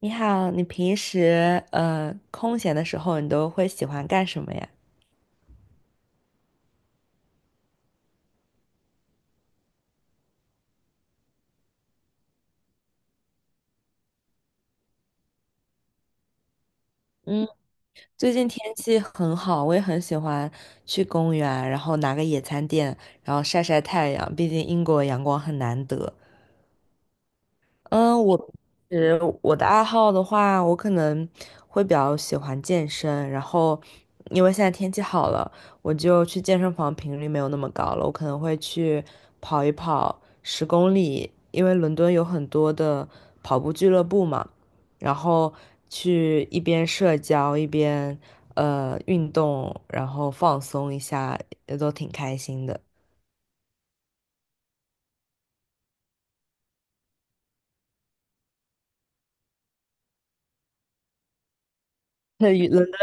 你好，你平时空闲的时候，你都会喜欢干什么呀？嗯，最近天气很好，我也很喜欢去公园，然后拿个野餐垫，然后晒晒太阳。毕竟英国阳光很难得。嗯，呃我的爱好的话，我可能会比较喜欢健身，然后因为现在天气好了，我就去健身房频率没有那么高了，我可能会去跑一跑10公里，因为伦敦有很多的跑步俱乐部嘛，然后去一边社交一边运动，然后放松一下，也都挺开心的。伦敦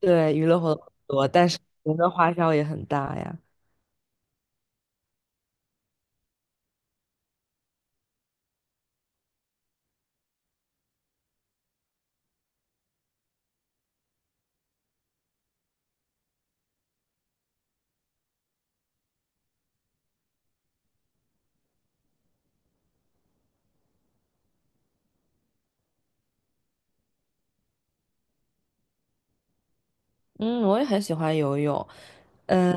对娱乐活动很多，但是伦敦花销也很大呀。嗯，我也很喜欢游泳。嗯，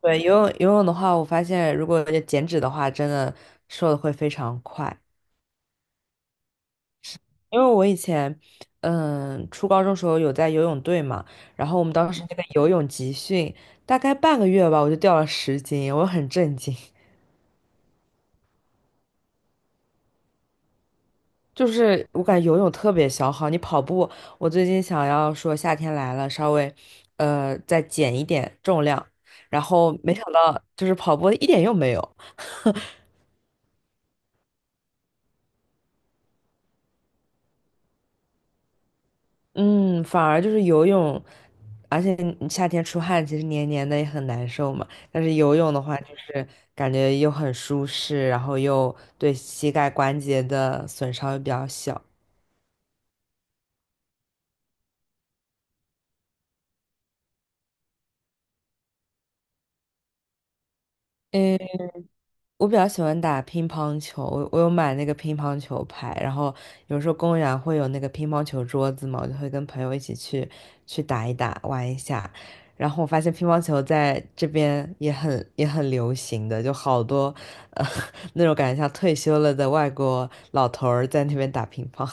对，游泳的话，我发现如果减脂的话，真的瘦的会非常快。因为我以前，嗯，初高中时候有在游泳队嘛，然后我们当时那个游泳集训，大概半个月吧，我就掉了10斤，我很震惊。就是我感觉游泳特别消耗，你跑步，我最近想要说夏天来了，稍微，再减一点重量，然后没想到就是跑步一点用没有。嗯，反而就是游泳，而且你夏天出汗，其实黏黏的也很难受嘛。但是游泳的话，就是感觉又很舒适，然后又对膝盖关节的损伤又比较小。嗯。我比较喜欢打乒乓球，我有买那个乒乓球拍，然后有时候公园会有那个乒乓球桌子嘛，我就会跟朋友一起去打一打，玩一下。然后我发现乒乓球在这边也很流行的，就好多呃 那种感觉像退休了的外国老头儿在那边打乒乓。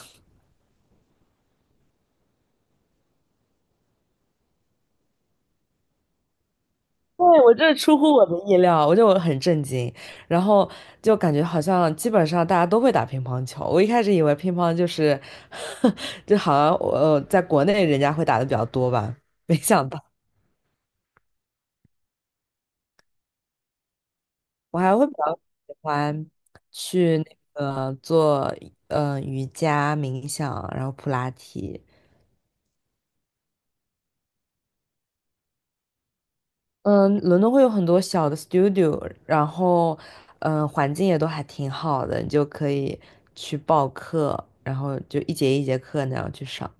对，出乎我的意料，我就很震惊，然后就感觉好像基本上大家都会打乒乓球。我一开始以为乒乓就是，就好像我在国内人家会打的比较多吧，没想到我还会比较喜欢去那个做瑜伽、冥想，然后普拉提。嗯，伦敦会有很多小的 studio，然后，嗯，环境也都还挺好的，你就可以去报课，然后就一节一节课那样去上。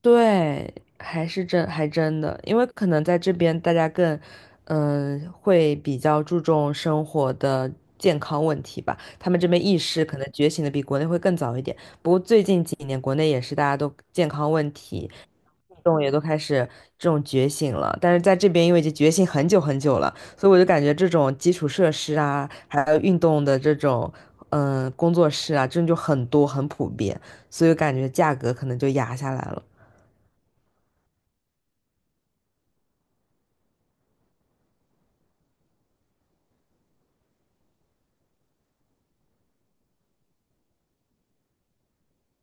对，还真的，因为可能在这边大家更，嗯，会比较注重生活的健康问题吧。他们这边意识可能觉醒的比国内会更早一点。不过最近几年，国内也是大家都健康问题，运动也都开始这种觉醒了。但是在这边，因为已经觉醒很久很久了，所以我就感觉这种基础设施啊，还有运动的这种，嗯，工作室啊，真的就很多很普遍，所以感觉价格可能就压下来了。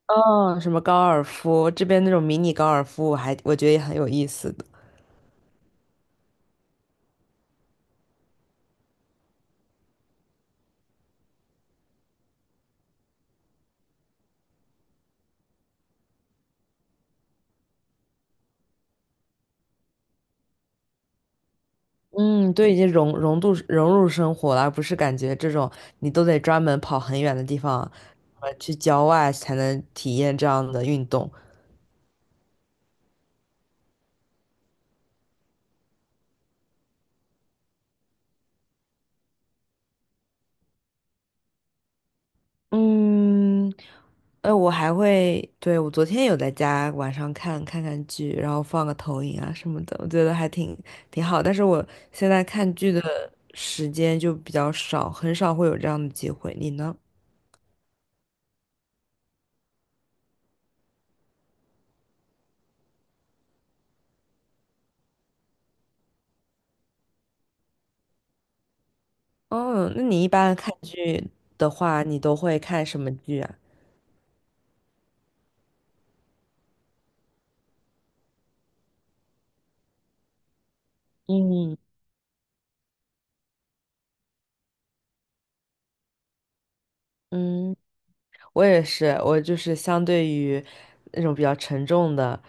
哦，什么高尔夫，这边那种迷你高尔夫，我觉得也很有意思的。嗯，对，已经融入生活了，而不是感觉这种你都得专门跑很远的地方，去郊外才能体验这样的运动。嗯，我还会，对，我昨天有在家晚上看剧，然后放个投影啊什么的，我觉得挺好。但是我现在看剧的时间就比较少，很少会有这样的机会。你呢？哦，那你一般看剧的话，你都会看什么剧啊？嗯嗯，我也是，我就是相对于那种比较沉重的，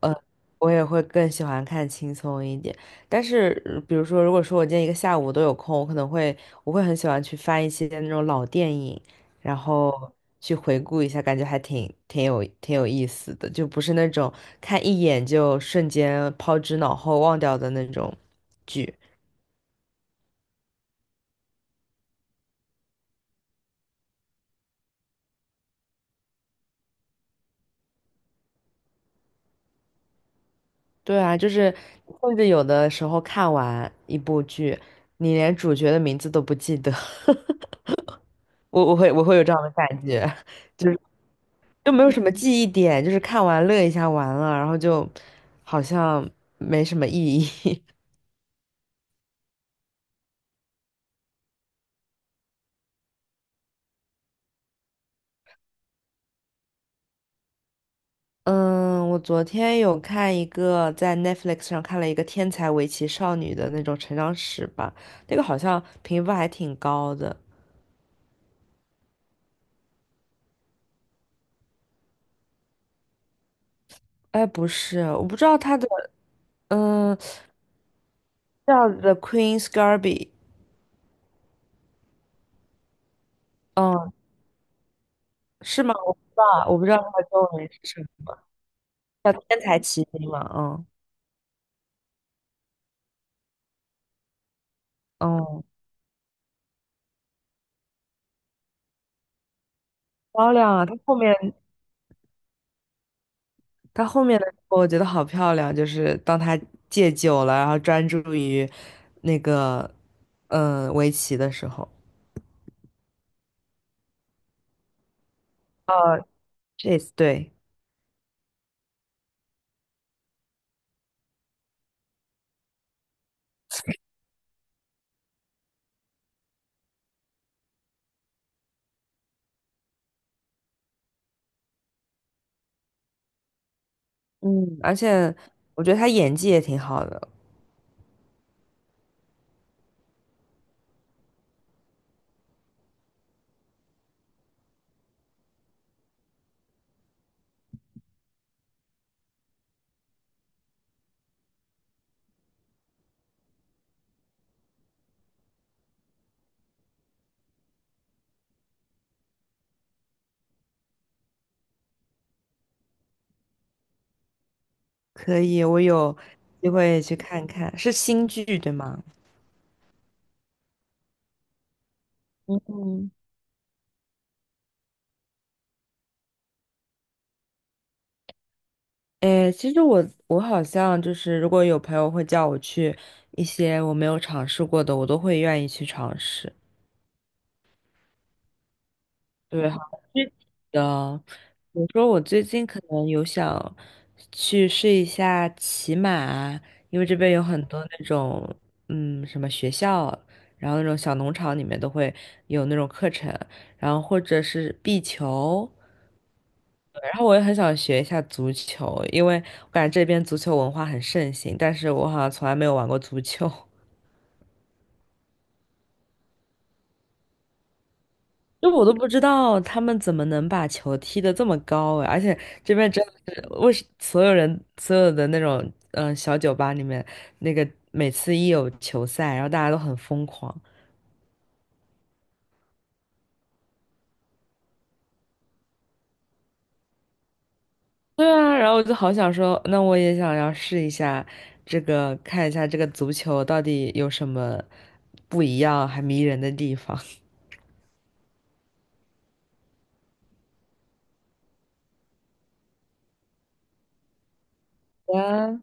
呃，我也会更喜欢看轻松一点。但是，比如说，如果说我今天一个下午都有空，我会很喜欢去翻一些那种老电影，然后去回顾一下，感觉还挺挺有挺有意思的，就不是那种看一眼就瞬间抛之脑后忘掉的那种剧。对啊，就是甚至有的时候看完一部剧，你连主角的名字都不记得。我会有这样的感觉，就是就没有什么记忆点，就是看完乐一下完了，然后就好像没什么意义。嗯，我昨天有看一个在 Netflix 上看了一个天才围棋少女的那种成长史吧，那个好像评分还挺高的。哎，不是，我不知道它的，嗯。叫 The Queen's g a r b i t。 嗯，是吗？我不知道，我不知道它的中文是什么，叫《天才奇兵》嘛。嗯嗯，漂亮啊！它后面的时候，我觉得好漂亮，就是当他戒酒了，然后专注于那个围棋的时候，呃 c h 对。嗯，而且我觉得他演技也挺好的。可以，我有机会去看看，是新剧对吗？嗯。诶，其实我好像就是，如果有朋友会叫我去一些我没有尝试过的，我都会愿意去尝试。对，好具体的。比如说，我最近可能有想去试一下骑马，因为这边有很多那种，嗯，什么学校，然后那种小农场里面都会有那种课程，然后或者是壁球，对然后我也很想学一下足球，因为我感觉这边足球文化很盛行，但是我好像从来没有玩过足球。就我都不知道他们怎么能把球踢得这么高哎，而且这边真的是所有人所有的那种小酒吧里面，那个每次一有球赛，然后大家都很疯狂。对啊，然后我就好想说，那我也想要试一下这个，看一下这个足球到底有什么不一样还迷人的地方。啊